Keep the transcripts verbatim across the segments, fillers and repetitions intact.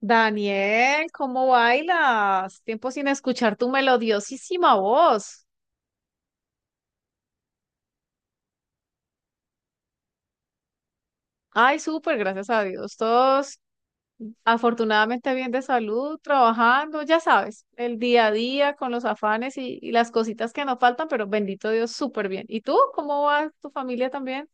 Daniel, ¿cómo bailas? Tiempo sin escuchar tu melodiosísima voz. Ay, súper, gracias a Dios. Todos afortunadamente bien de salud, trabajando, ya sabes, el día a día con los afanes y, y las cositas que nos faltan, pero bendito Dios, súper bien. ¿Y tú? ¿Cómo va tu familia también?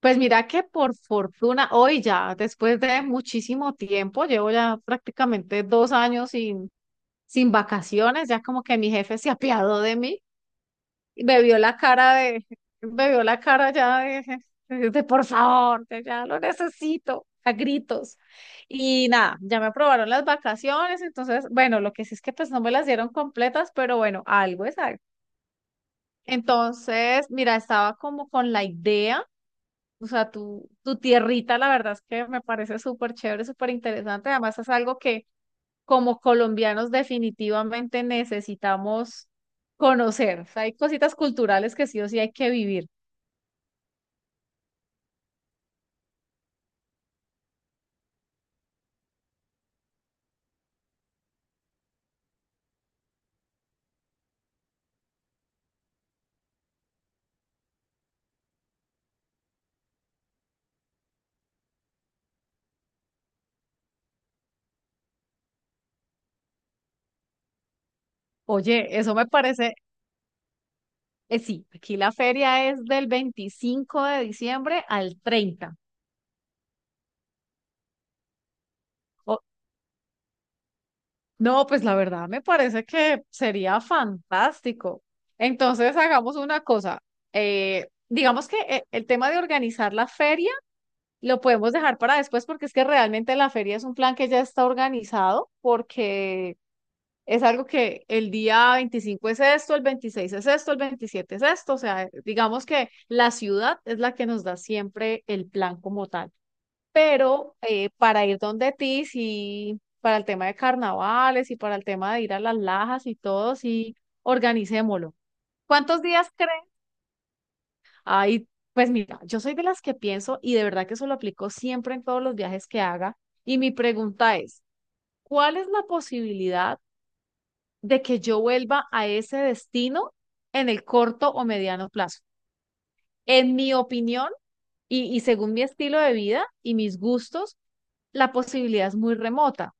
Pues mira que por fortuna, hoy ya, después de muchísimo tiempo, llevo ya prácticamente dos años sin, sin vacaciones, ya como que mi jefe se apiadó de mí. me vio la cara de, Me vio la cara ya de, de por favor, de ya lo necesito, a gritos. Y nada, ya me aprobaron las vacaciones, entonces, bueno, lo que sí es que pues no me las dieron completas, pero bueno, algo es algo. Entonces, mira, estaba como con la idea, o sea, tu, tu tierrita, la verdad es que me parece súper chévere, súper interesante, además es algo que como colombianos definitivamente necesitamos conocer, o sea, hay cositas culturales que sí o sí hay que vivir. Oye, eso me parece, eh, sí, aquí la feria es del veinticinco de diciembre al treinta. O- no, pues la verdad me parece que sería fantástico. Entonces hagamos una cosa, eh, digamos que eh, el tema de organizar la feria lo podemos dejar para después porque es que realmente la feria es un plan que ya está organizado porque es algo que el día veinticinco es esto, el veintiséis es esto, el veintisiete es esto, o sea, digamos que la ciudad es la que nos da siempre el plan como tal. Pero eh, para ir donde ti, sí, para el tema de carnavales y para el tema de ir a las lajas y todo, sí, organicémoslo. ¿Cuántos días creen? Ay, pues mira, yo soy de las que pienso y de verdad que eso lo aplico siempre en todos los viajes que haga. Y mi pregunta es, ¿cuál es la posibilidad de que yo vuelva a ese destino en el corto o mediano plazo? En mi opinión y, y según mi estilo de vida y mis gustos, la posibilidad es muy remota.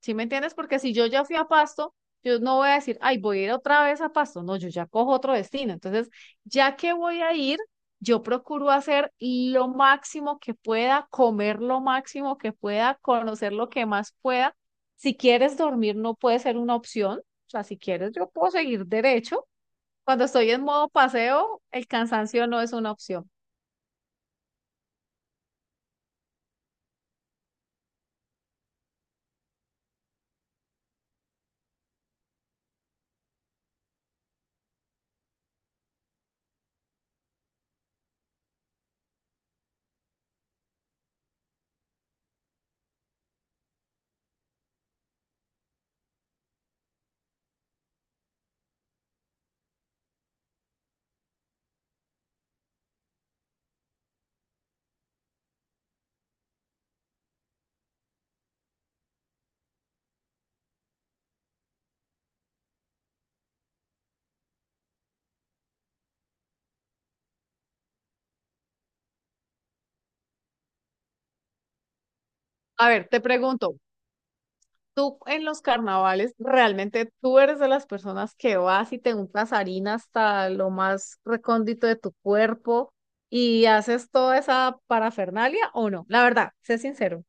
¿Sí me entiendes? Porque si yo ya fui a Pasto, yo no voy a decir, ay, voy a ir otra vez a Pasto. No, yo ya cojo otro destino. Entonces, ya que voy a ir, yo procuro hacer lo máximo que pueda, comer lo máximo que pueda, conocer lo que más pueda. Si quieres dormir, no puede ser una opción. O sea, si quieres, yo puedo seguir derecho. Cuando estoy en modo paseo, el cansancio no es una opción. A ver, te pregunto, tú en los carnavales, realmente tú eres de las personas que vas y te untas harina hasta lo más recóndito de tu cuerpo y haces toda esa parafernalia o no. La verdad, sé sincero.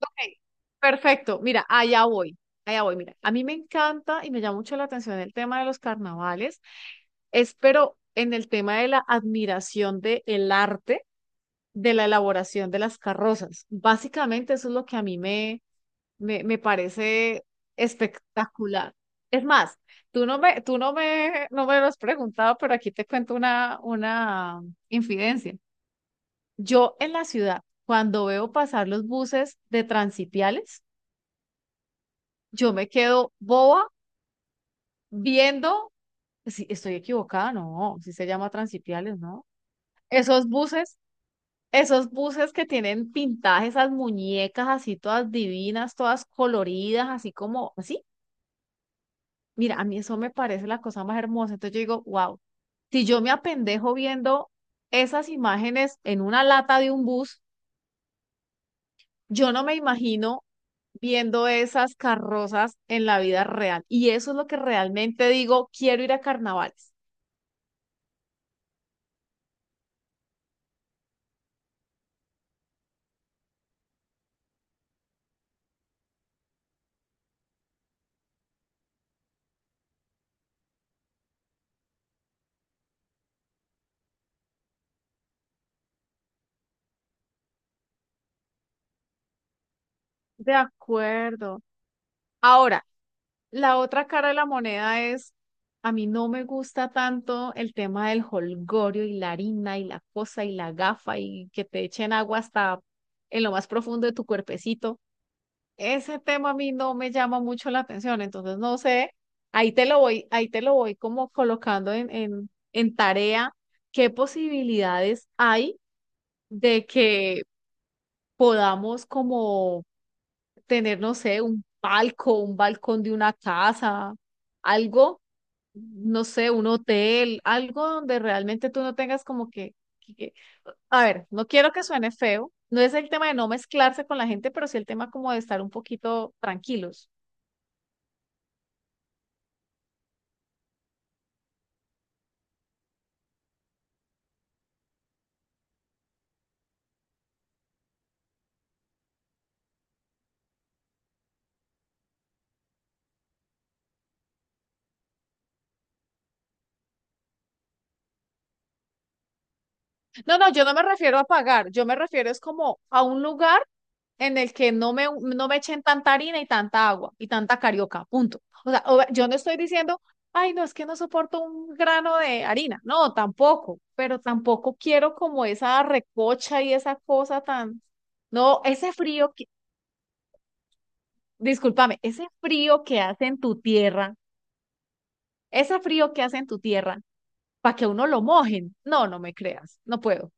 Ok, perfecto, mira, allá voy, allá voy, mira, a mí me encanta y me llama mucho la atención el tema de los carnavales, es pero en el tema de la admiración del arte, de la elaboración de las carrozas. Básicamente eso es lo que a mí me, Me, me parece espectacular. Es más, tú no me, tú no me, no me lo has preguntado, pero aquí te cuento una, una infidencia. Yo en la ciudad, cuando veo pasar los buses de transipiales, yo me quedo boba viendo, si estoy equivocada, no, si se llama transipiales, ¿no? Esos buses, esos buses que tienen pintajes, esas muñecas así todas divinas, todas coloridas, así como, así. Mira, a mí eso me parece la cosa más hermosa. Entonces yo digo, wow, si yo me apendejo viendo esas imágenes en una lata de un bus, yo no me imagino viendo esas carrozas en la vida real. Y eso es lo que realmente digo, quiero ir a carnavales. De acuerdo. Ahora, la otra cara de la moneda es, a mí no me gusta tanto el tema del jolgorio y la harina y la cosa y la gafa y que te echen agua hasta en lo más profundo de tu cuerpecito. Ese tema a mí no me llama mucho la atención, entonces no sé, ahí te lo voy, ahí te lo voy como colocando en, en, en tarea, qué posibilidades hay de que podamos como tener, no sé, un palco, un balcón de una casa, algo, no sé, un hotel, algo donde realmente tú no tengas como que, que- que- a ver, no quiero que suene feo, no es el tema de no mezclarse con la gente, pero sí el tema como de estar un poquito tranquilos. No, no, yo no me refiero a pagar, yo me refiero es como a un lugar en el que no me, no me echen tanta harina y tanta agua y tanta carioca, punto. O sea, o- yo no estoy diciendo, ay, no, es que no soporto un grano de harina, no, tampoco, pero tampoco quiero como esa recocha y esa cosa tan, no, ese frío que, discúlpame, ese frío que hace en tu tierra, ese frío que hace en tu tierra, para que a uno lo mojen, no, no me creas, no puedo.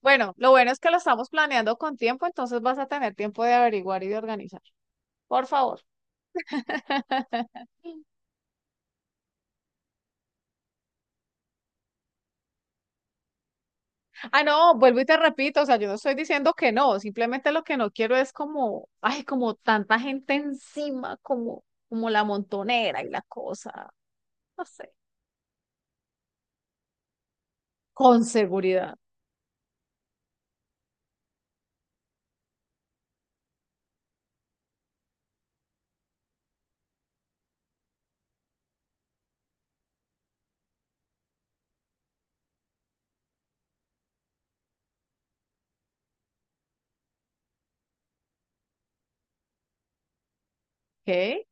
Bueno, lo bueno es que lo estamos planeando con tiempo, entonces vas a tener tiempo de averiguar y de organizar. Por favor. Ah, no, vuelvo y te repito, o sea, yo no estoy diciendo que no, simplemente lo que no quiero es como, ay, como tanta gente encima, como, como la montonera y la cosa, no sé, con seguridad, ¿ok?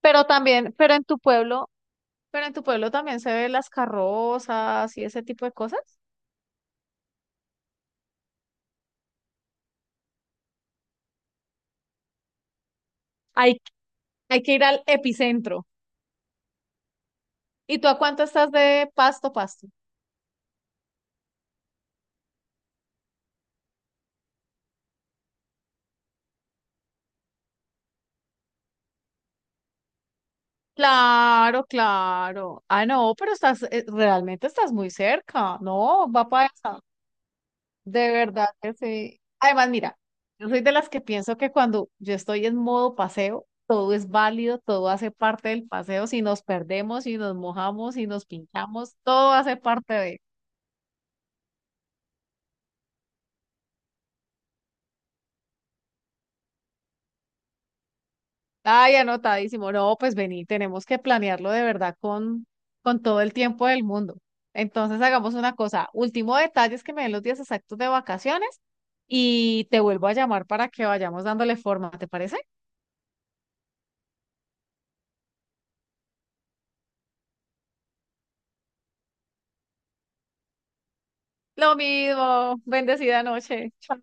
Pero también, pero en tu pueblo, pero en tu pueblo también se ven las carrozas y ese tipo de cosas. Hay, hay que ir al epicentro. ¿Y tú a cuánto estás de Pasto, Pasto? Claro, claro. Ah, no, pero estás, eh, realmente estás muy cerca. No, va para esa. De verdad que sí. Además, mira, yo soy de las que pienso que cuando yo estoy en modo paseo, todo es válido, todo hace parte del paseo. Si nos perdemos, si nos mojamos, si nos pinchamos, todo hace parte. Ay, anotadísimo. No, pues vení, tenemos que planearlo de verdad con, con todo el tiempo del mundo. Entonces hagamos una cosa. Último detalle es que me den los días exactos de vacaciones y te vuelvo a llamar para que vayamos dándole forma, ¿te parece? Lo mismo. Bendecida noche. Chao.